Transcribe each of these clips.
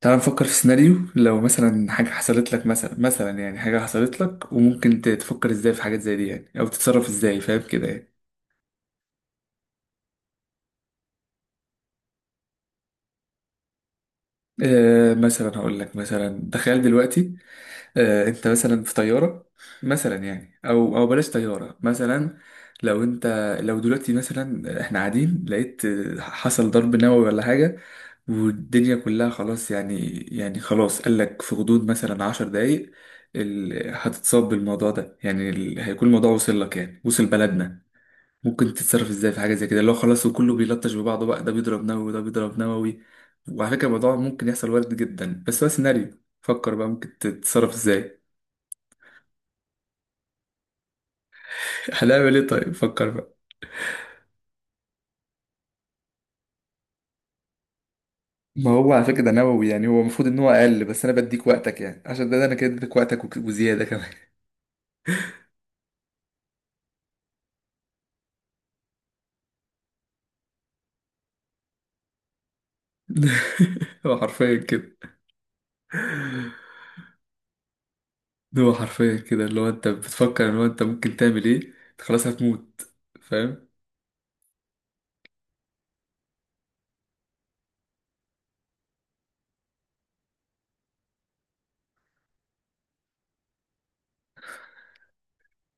تعال نفكر في سيناريو. لو مثلا حاجة حصلت لك، مثلا يعني حاجة حصلت لك، وممكن تفكر ازاي في حاجات زي دي، يعني او تتصرف ازاي، فاهم كده يعني؟ آه مثلا هقول لك مثلا، تخيل دلوقتي. آه، انت مثلا في طياره. مثلا يعني او بلاش طياره مثلا. لو انت لو دلوقتي مثلا احنا قاعدين، لقيت حصل ضرب نووي ولا حاجه، والدنيا كلها خلاص، يعني خلاص. قال لك في غضون مثلا 10 دقايق هتتصاب بالموضوع ده، يعني هيكون الموضوع وصل لك، يعني وصل بلدنا. ممكن تتصرف ازاي في حاجه زي كده، اللي هو خلاص وكله بيلطش ببعضه بقى، ده بيضرب نووي وده بيضرب نووي؟ وعلى فكره الموضوع ممكن يحصل، وارد جدا، بس هو سيناريو. فكر بقى ممكن تتصرف ازاي. هنعمل ايه؟ طيب فكر بقى. ما هو على فكرة ده نووي يعني، هو المفروض ان هو اقل، بس انا بديك وقتك يعني، عشان ده انا كده اديتك وقتك وزيادة كمان. هو حرفيا كده. هو حرفيا كده، اللي هو انت بتفكر ان هو انت ممكن تعمل ايه. انت خلاص هتموت، فاهم؟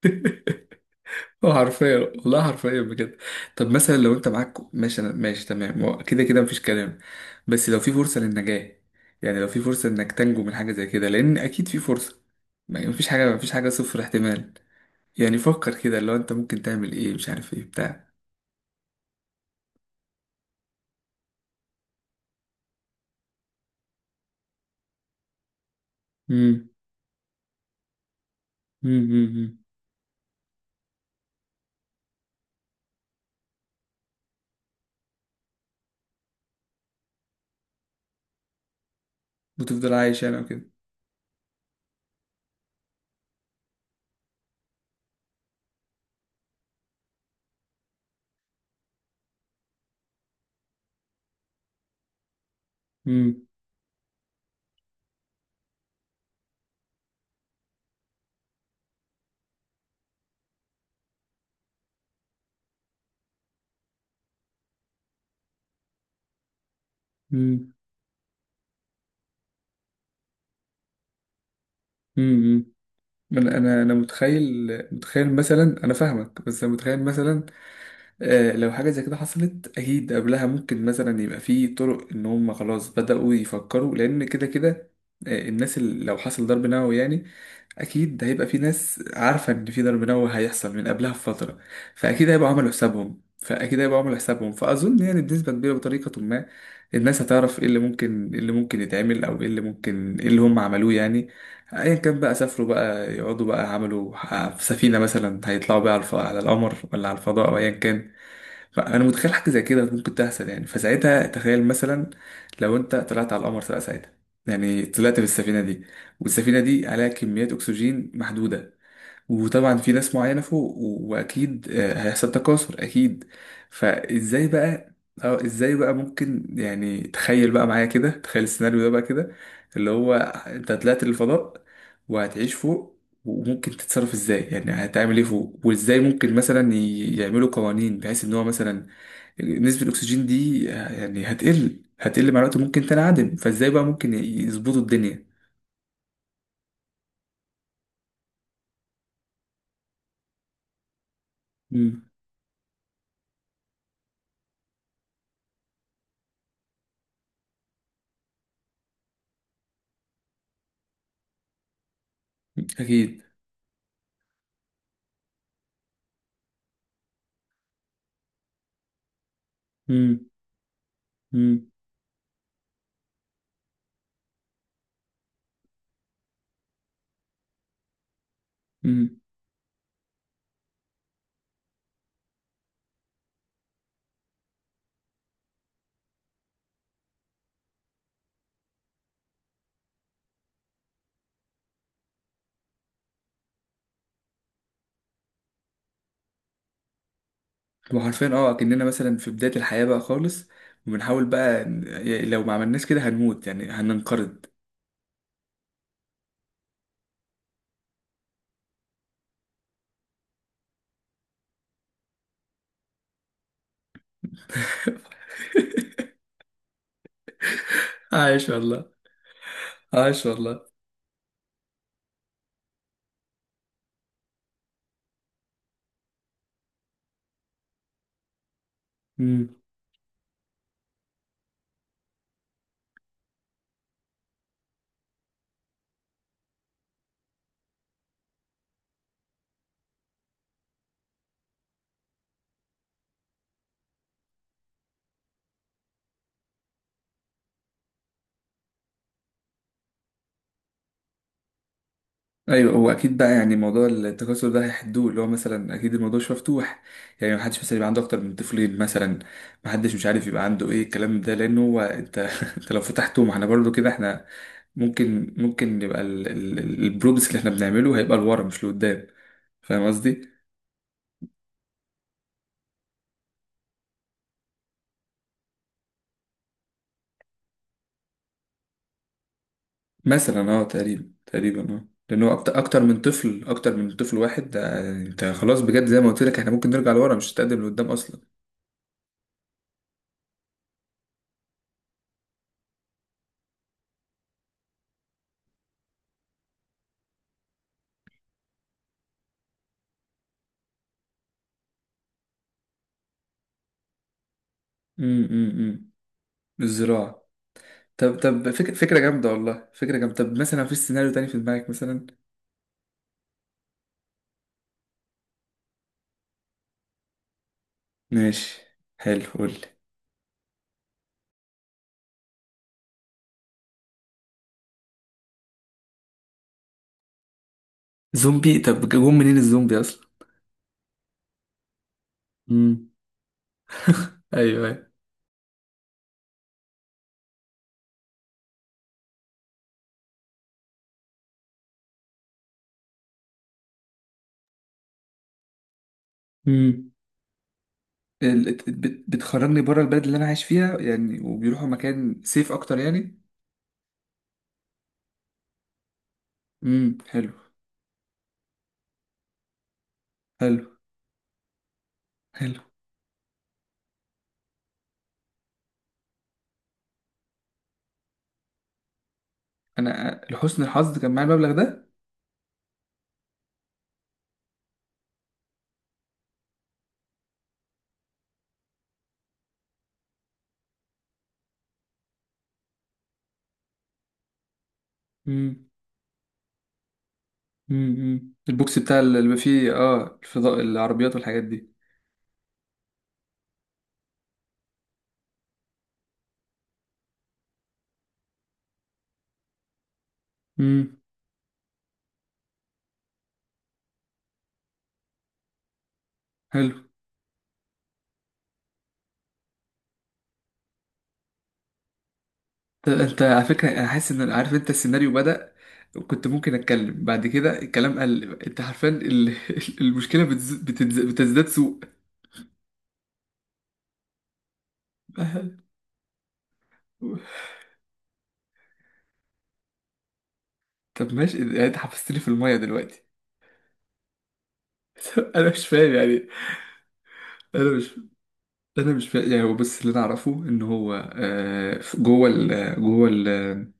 هو حرفيا والله، حرفيا بجد. طب مثلا لو انت معاك، ماشي، انا ماشي تمام، هو كده كده مفيش كلام، بس لو في فرصة للنجاة، يعني لو في فرصة انك تنجو من حاجة زي كده، لان اكيد في فرصة. مفيش حاجة، 0 احتمال. يعني فكر كده اللي هو انت ممكن تعمل ايه، مش عارف ايه بتاع. امم، امم، وتفضل عايش يعني وكده. امم، امم، امم، انا متخيل. متخيل مثلا، انا فاهمك، بس انا متخيل مثلا، آه، لو حاجة زي كده حصلت أكيد قبلها ممكن مثلا يبقى في طرق إن هم خلاص بدأوا يفكروا، لأن كده كده آه، الناس اللي لو حصل ضرب نووي يعني، أكيد هيبقى في ناس عارفة إن في ضرب نووي هيحصل من قبلها بفترة. فأكيد هيبقوا عملوا حسابهم، فأظن يعني بنسبة كبيرة بطريقة ما الناس هتعرف إيه اللي ممكن، يتعمل، أو إيه اللي هم عملوه يعني. ايا كان بقى، سافروا بقى، يقعدوا بقى، عملوا في سفينة مثلا، هيطلعوا بقى على القمر، ولا على الفضاء، او ايا كان. فانا متخيل حاجه زي كده ممكن تحصل يعني، فساعتها تخيل مثلا لو انت طلعت على القمر بقى ساعتها، يعني طلعت بالسفينه دي، والسفينه دي عليها كميات اكسجين محدوده، وطبعا في ناس معينه فوق واكيد هيحصل تكاثر اكيد. فازاي بقى؟ اه ازاي بقى ممكن يعني؟ تخيل بقى معايا كده، تخيل السيناريو ده بقى كده، اللي هو انت طلعت للفضاء وهتعيش فوق، وممكن تتصرف ازاي يعني، هتعمل ايه فوق، وازاي ممكن مثلا يعملوا قوانين بحيث ان هو مثلا نسبة الأكسجين دي يعني هتقل مع الوقت وممكن تنعدم، فازاي بقى ممكن يظبطوا الدنيا؟ امم، أكيد، امم، امم، امم. وحرفيا اه كأننا مثلا في بداية الحياة بقى خالص، وبنحاول بقى يعني لو ما عملناش كده هنموت يعني، هننقرض. عايش والله. عايش والله. ايوه هو اكيد بقى، يعني موضوع التكاثر ده هيحدوه، اللي هو مثلا اكيد الموضوع مش مفتوح، يعني محدش مثلا يبقى عنده اكتر من طفلين مثلا، محدش مش عارف يبقى عنده ايه الكلام ده، لانه هو انت انت لو فتحته ما احنا برضو كده احنا، ممكن يبقى البروجرس اللي احنا بنعمله هيبقى لورا مش لقدام، فاهم قصدي؟ مثلا اه، تقريبا اه، لان هو اكتر من طفل، واحد ده انت خلاص بجد، زي ما قلت لك احنا ممكن نرجع لورا مش هتقدم لقدام اصلا. امم، امم، إمم. الزراعة. طب فكرة جامدة والله، فكرة جامدة. طب مثلا مفيش سيناريو تاني في دماغك مثلا؟ ماشي، حلو قول لي. زومبي؟ طب جم منين الزومبي أصلا؟ امم، ايوه ايوه، امم. بتخرجني بره البلد اللي أنا عايش فيها يعني، وبيروحوا مكان سيف أكتر يعني؟ امم، حلو. حلو. حلو. أنا لحسن الحظ كان معايا المبلغ ده. امم، امم، البوكس بتاع اللي بيبقى فيه اه الفضاء، العربيات والحاجات دي. امم، حلو. طب انت على فكرة انا حاسس ان عارف انت السيناريو بدأ، وكنت ممكن اتكلم بعد كده الكلام قل، انت عارفين المشكلة بتزداد سوء. طب ماشي، يعني انت حبستني في المية دلوقتي. انا مش فاهم يعني. انا مش انا مش فا... يعني هو بس اللي انا اعرفه ان هو آه،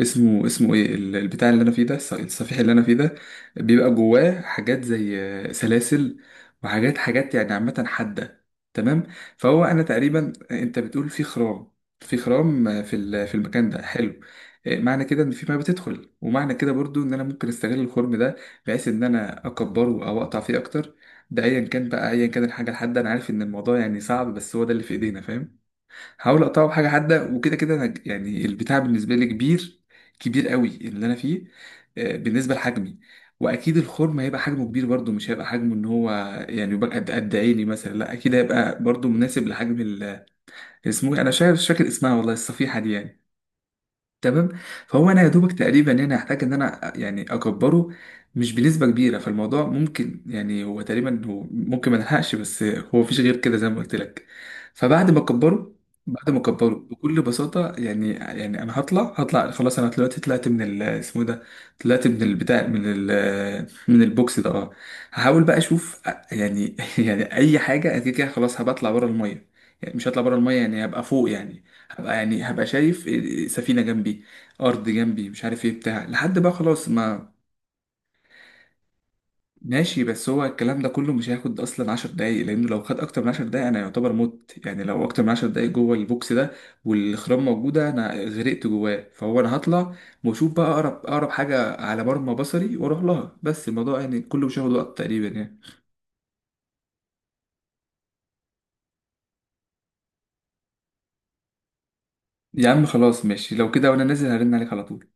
اسمه ايه البتاع اللي انا فيه ده، الصفيح اللي انا فيه ده بيبقى جواه حاجات زي سلاسل، وحاجات يعني عامة حادة، تمام. فهو انا تقريبا، انت بتقول في خرام، في في المكان ده، حلو. معنى كده ان في ما بتدخل، ومعنى كده برضو ان انا ممكن استغل الخرم ده، بحيث ان انا اكبره او اقطع فيه اكتر، ده ايا كان بقى، ايا كان الحاجه الحاده، انا عارف ان الموضوع يعني صعب، بس هو ده اللي في ايدينا فاج. هحاول اقطعه بحاجه حاده، وكده كده انا يعني البتاع بالنسبه لي كبير، كبير قوي اللي انا فيه، بالنسبه لحجمي. واكيد الخرم هيبقى حجمه كبير برضه، مش هيبقى حجمه ان هو يعني يبقى قد عيني مثلا، لا اكيد هيبقى برضه مناسب لحجم اسمه إيه؟ انا مش عارف، مش فاكر اسمها والله، الصفيحه دي يعني. تمام. فهو انا يا دوبك تقريبا هنا هحتاج ان انا يعني اكبره، مش بنسبه كبيره، فالموضوع ممكن يعني، هو تقريبا هو ممكن ما نلحقش، بس هو مفيش غير كده زي ما قلت لك. فبعد ما اكبره، بعد ما اكبره بكل بساطه يعني، يعني انا هطلع خلاص، انا دلوقتي طلعت من اسمه إيه ده، طلعت من البتاع من البوكس ده اه. هحاول بقى اشوف يعني يعني اي حاجه، أنا كده كده خلاص هبطلع بره الميه، يعني مش هطلع بره الميه، يعني هبقى فوق يعني، هبقى يعني هبقى شايف سفينة جنبي، أرض جنبي، مش عارف ايه بتاع لحد بقى خلاص ما. ماشي، بس هو الكلام ده كله مش هياخد أصلا 10 دقايق، لأنه لو خد أكتر من 10 دقايق أنا يعتبر مت، يعني لو أكتر من 10 دقايق جوه البوكس ده والخرام موجودة أنا غرقت جواه. فهو أنا هطلع وأشوف بقى أقرب حاجة على مرمى بصري وأروح لها، بس الموضوع يعني كله مش هياخد وقت تقريبا يعني. يا عم خلاص ماشي، لو كده وأنا نازل هرن عليك على طول.